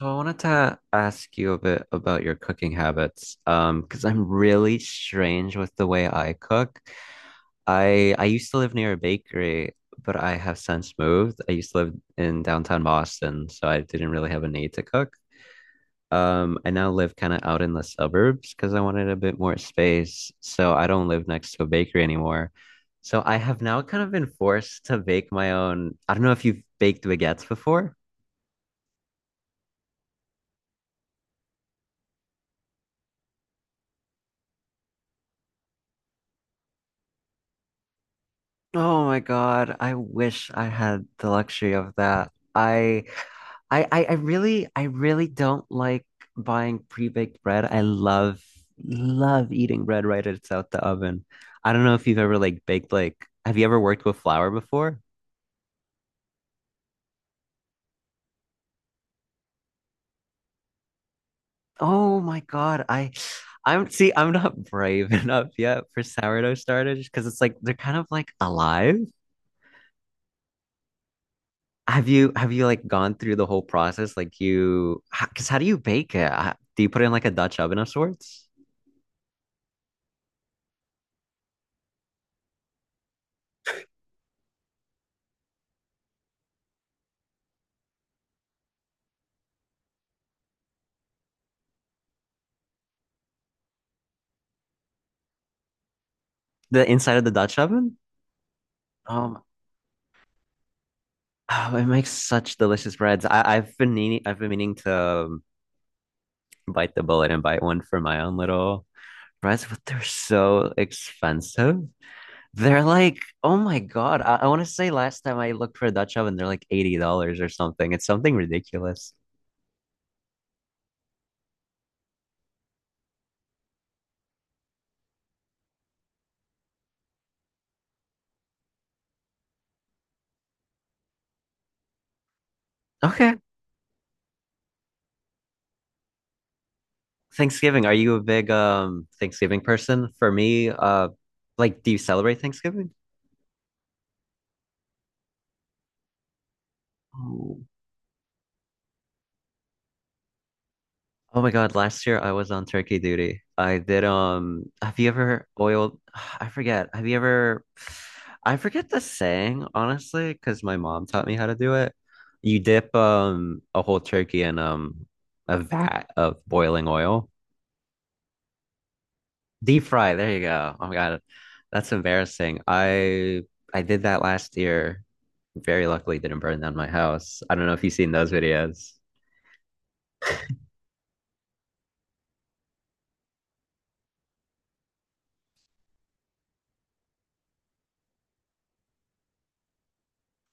So I wanted to ask you a bit about your cooking habits, because I'm really strange with the way I cook. I used to live near a bakery, but I have since moved. I used to live in downtown Boston, so I didn't really have a need to cook. I now live kind of out in the suburbs because I wanted a bit more space, so I don't live next to a bakery anymore. So I have now kind of been forced to bake my own. I don't know if you've baked baguettes before. Oh my God, I wish I had the luxury of that. I really don't like buying pre-baked bread. I love love eating bread right as it's out the oven. I don't know if you've ever like baked like have you ever worked with flour before? Oh my God, I I'm see I'm not brave enough yet for sourdough starters because it's like they're kind of like alive. Have you like gone through the whole process? Because how do you bake it? Do you put it in like a Dutch oven of sorts? The inside of the Dutch oven? Um, oh, it makes such delicious breads. I've been meaning to bite the bullet and buy one for my own little breads, but they're so expensive. They're like, oh my God. I want to say last time I looked for a Dutch oven, they're like $80 or something. It's something ridiculous. Okay, Thanksgiving, are you a big Thanksgiving person? For me, like do you celebrate Thanksgiving? Oh. Oh my God, last year I was on turkey duty. I did have you ever oiled I forget. Have you ever I forget the saying, honestly, because my mom taught me how to do it. You dip a whole turkey in a vat of boiling oil. Deep fry. There you go. Oh my God. That's embarrassing. I did that last year. Very luckily didn't burn down my house. I don't know if you've seen those videos.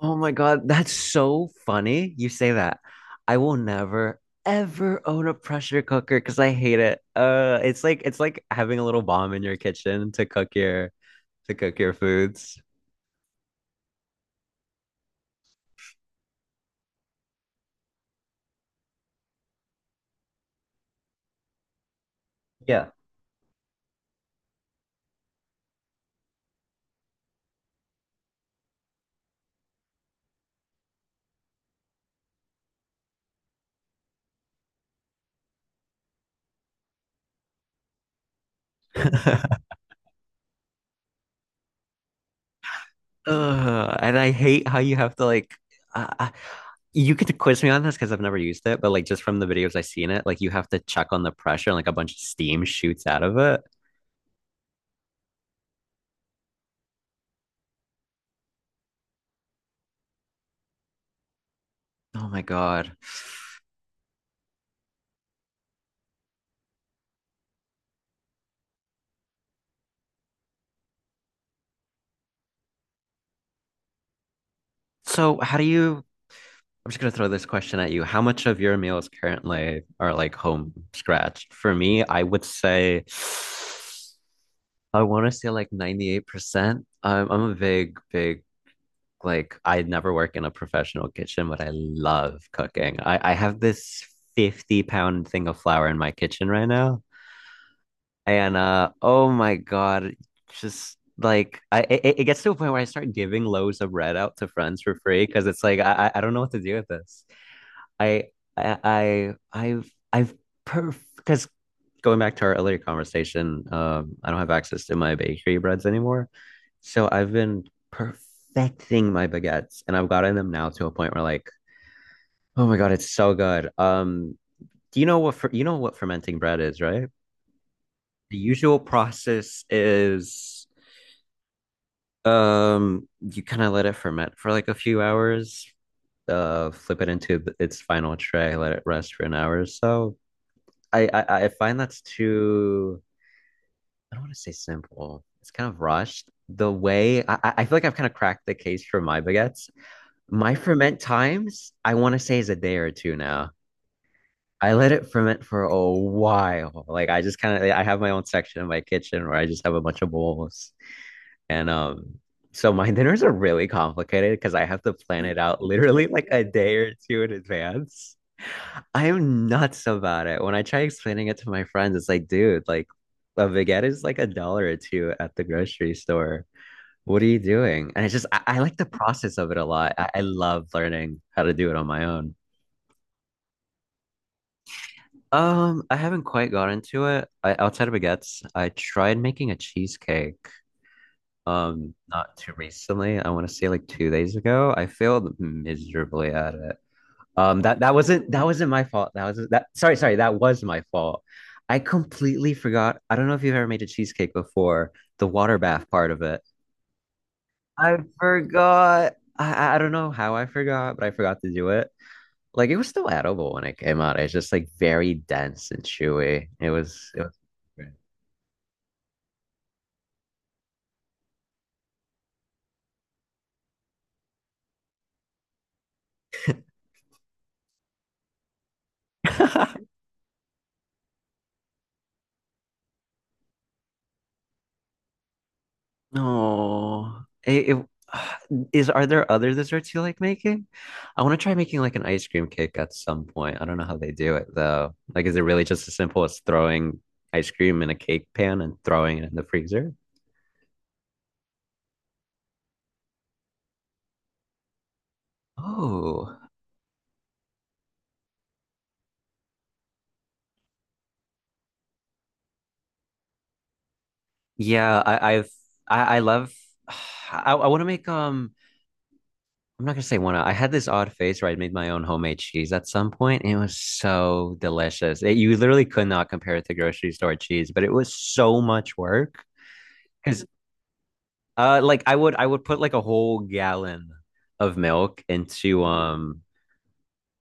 Oh my God, that's so funny. You say that. I will never ever own a pressure cooker because I hate it. It's like having a little bomb in your kitchen to cook your foods. Yeah. Ugh, and I hate how you have to like I, I, you could quiz me on this because I've never used it, but like just from the videos I've seen it, like you have to check on the pressure and like a bunch of steam shoots out of it. Oh my God. So how do you I'm just gonna throw this question at you. How much of your meals currently are like home scratched? For me, I would say I want to say like 98%. I'm a big, big. Like I never work in a professional kitchen, but I love cooking. I have this 50 pound thing of flour in my kitchen right now. And uh oh my God, just like it gets to a point where I start giving loaves of bread out to friends for free because it's like I don't know what to do with this. I I I I've perf because Going back to our earlier conversation, I don't have access to my bakery breads anymore. So I've been perfecting my baguettes and I've gotten them now to a point where like, oh my God, it's so good. Do you know what fer- you know what fermenting bread is, right? The usual process is you kind of let it ferment for like a few hours, flip it into its final tray, let it rest for an hour or so. I find that's I don't want to say simple. It's kind of rushed. The way I feel like I've kind of cracked the case for my baguettes. My ferment times, I want to say is a day or two now. I let it ferment for a while. Like I just kind of I have my own section in my kitchen where I just have a bunch of bowls. And so my dinners are really complicated because I have to plan it out literally like a day or two in advance. I am nuts about it. When I try explaining it to my friends, it's like, dude, like a baguette is like a dollar or two at the grocery store. What are you doing? And it's just I like the process of it a lot. I love learning how to do it on my own. I haven't quite got into it. I, outside of baguettes, I tried making a cheesecake. Not too recently. I want to say like 2 days ago. I failed miserably at it. That wasn't my fault. That was that. Sorry, sorry. That was my fault. I completely forgot. I don't know if you've ever made a cheesecake before. The water bath part of it. I forgot. I don't know how I forgot, but I forgot to do it. Like it was still edible when it came out. It's just like very dense and chewy. It was. No, is. Are there other desserts you like making? I want to try making like an ice cream cake at some point. I don't know how they do it though. Like, is it really just as simple as throwing ice cream in a cake pan and throwing it in the freezer? Oh, yeah. I love. I want to make I'm not gonna say wanna. I had this odd phase where I made my own homemade cheese at some point, and it was so delicious. It, you literally could not compare it to grocery store cheese, but it was so much work because like I would put like a whole gallon of milk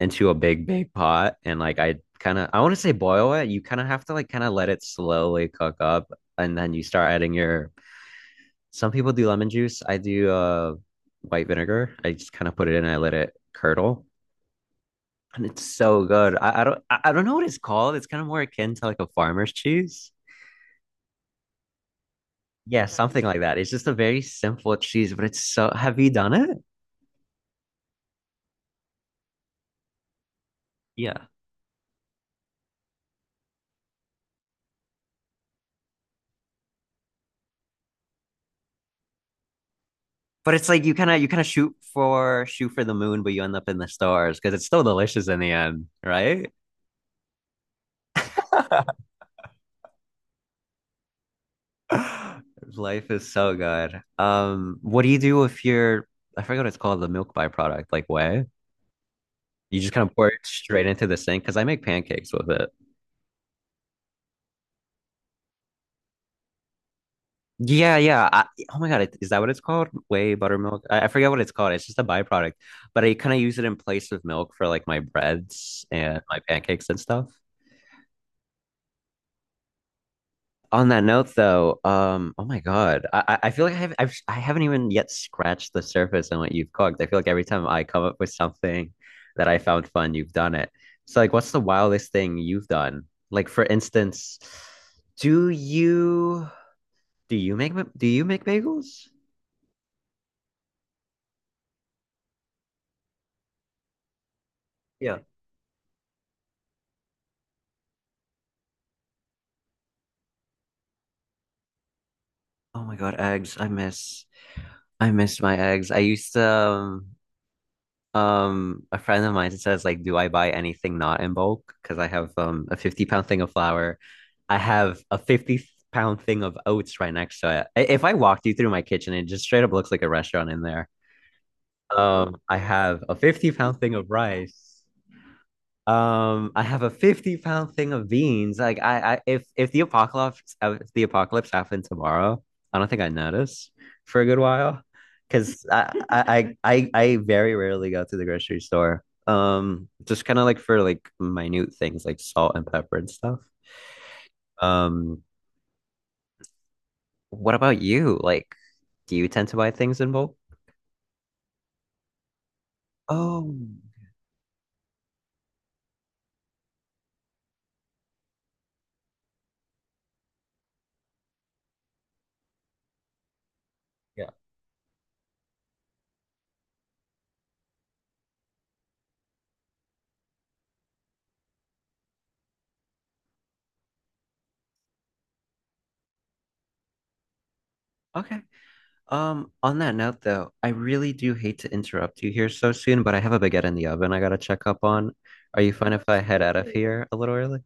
into a big big pot and like I kind of I want to say boil it. You kind of have to like kind of let it slowly cook up, and then you start adding your, some people do lemon juice. I do white vinegar. I just kind of put it in, I let it curdle, and it's so good. I don't know what it's called. It's kind of more akin to like a farmer's cheese. Yeah, something like that. It's just a very simple cheese, but it's so have you done it? Yeah. But it's like you kind of shoot for the moon, but you end up in the stars because it's still delicious in the end, right? Life is so good. What do you do if you're, I forget what it's called, the milk byproduct, like whey? You just kind of pour it straight into the sink, because I make pancakes with it. Yeah, yeah. Oh my God, it- is that what it's called? Whey buttermilk? I forget what it's called. It's just a byproduct, but I kind of use it in place of milk for like my breads and my pancakes and stuff. On that note, though, oh my God, I feel like I haven't even yet scratched the surface on what you've cooked. I feel like every time I come up with something that I found fun, you've done it. So, like, what's the wildest thing you've done? Like, for instance, do you do you make bagels? Yeah. Oh my God, eggs! I miss my eggs. I used to. Um, a friend of mine says like, do I buy anything not in bulk? Because I have a 50 pound thing of flour. I have a 50 pound thing of oats right next to it. I- If I walked you through my kitchen, it just straight up looks like a restaurant in there. I have a 50 pound thing of rice. I have a 50 pound thing of beans. Like I If the apocalypse happened tomorrow, I don't think I notice for a good while. Because I I very rarely go to the grocery store. Just kind of like for like minute things like salt and pepper and stuff. Um, what about you? Like, do you tend to buy things in bulk? Oh, yeah. Okay. On that note though, I really do hate to interrupt you here so soon, but I have a baguette in the oven I gotta check up on. Are you fine if I head out of here a little early?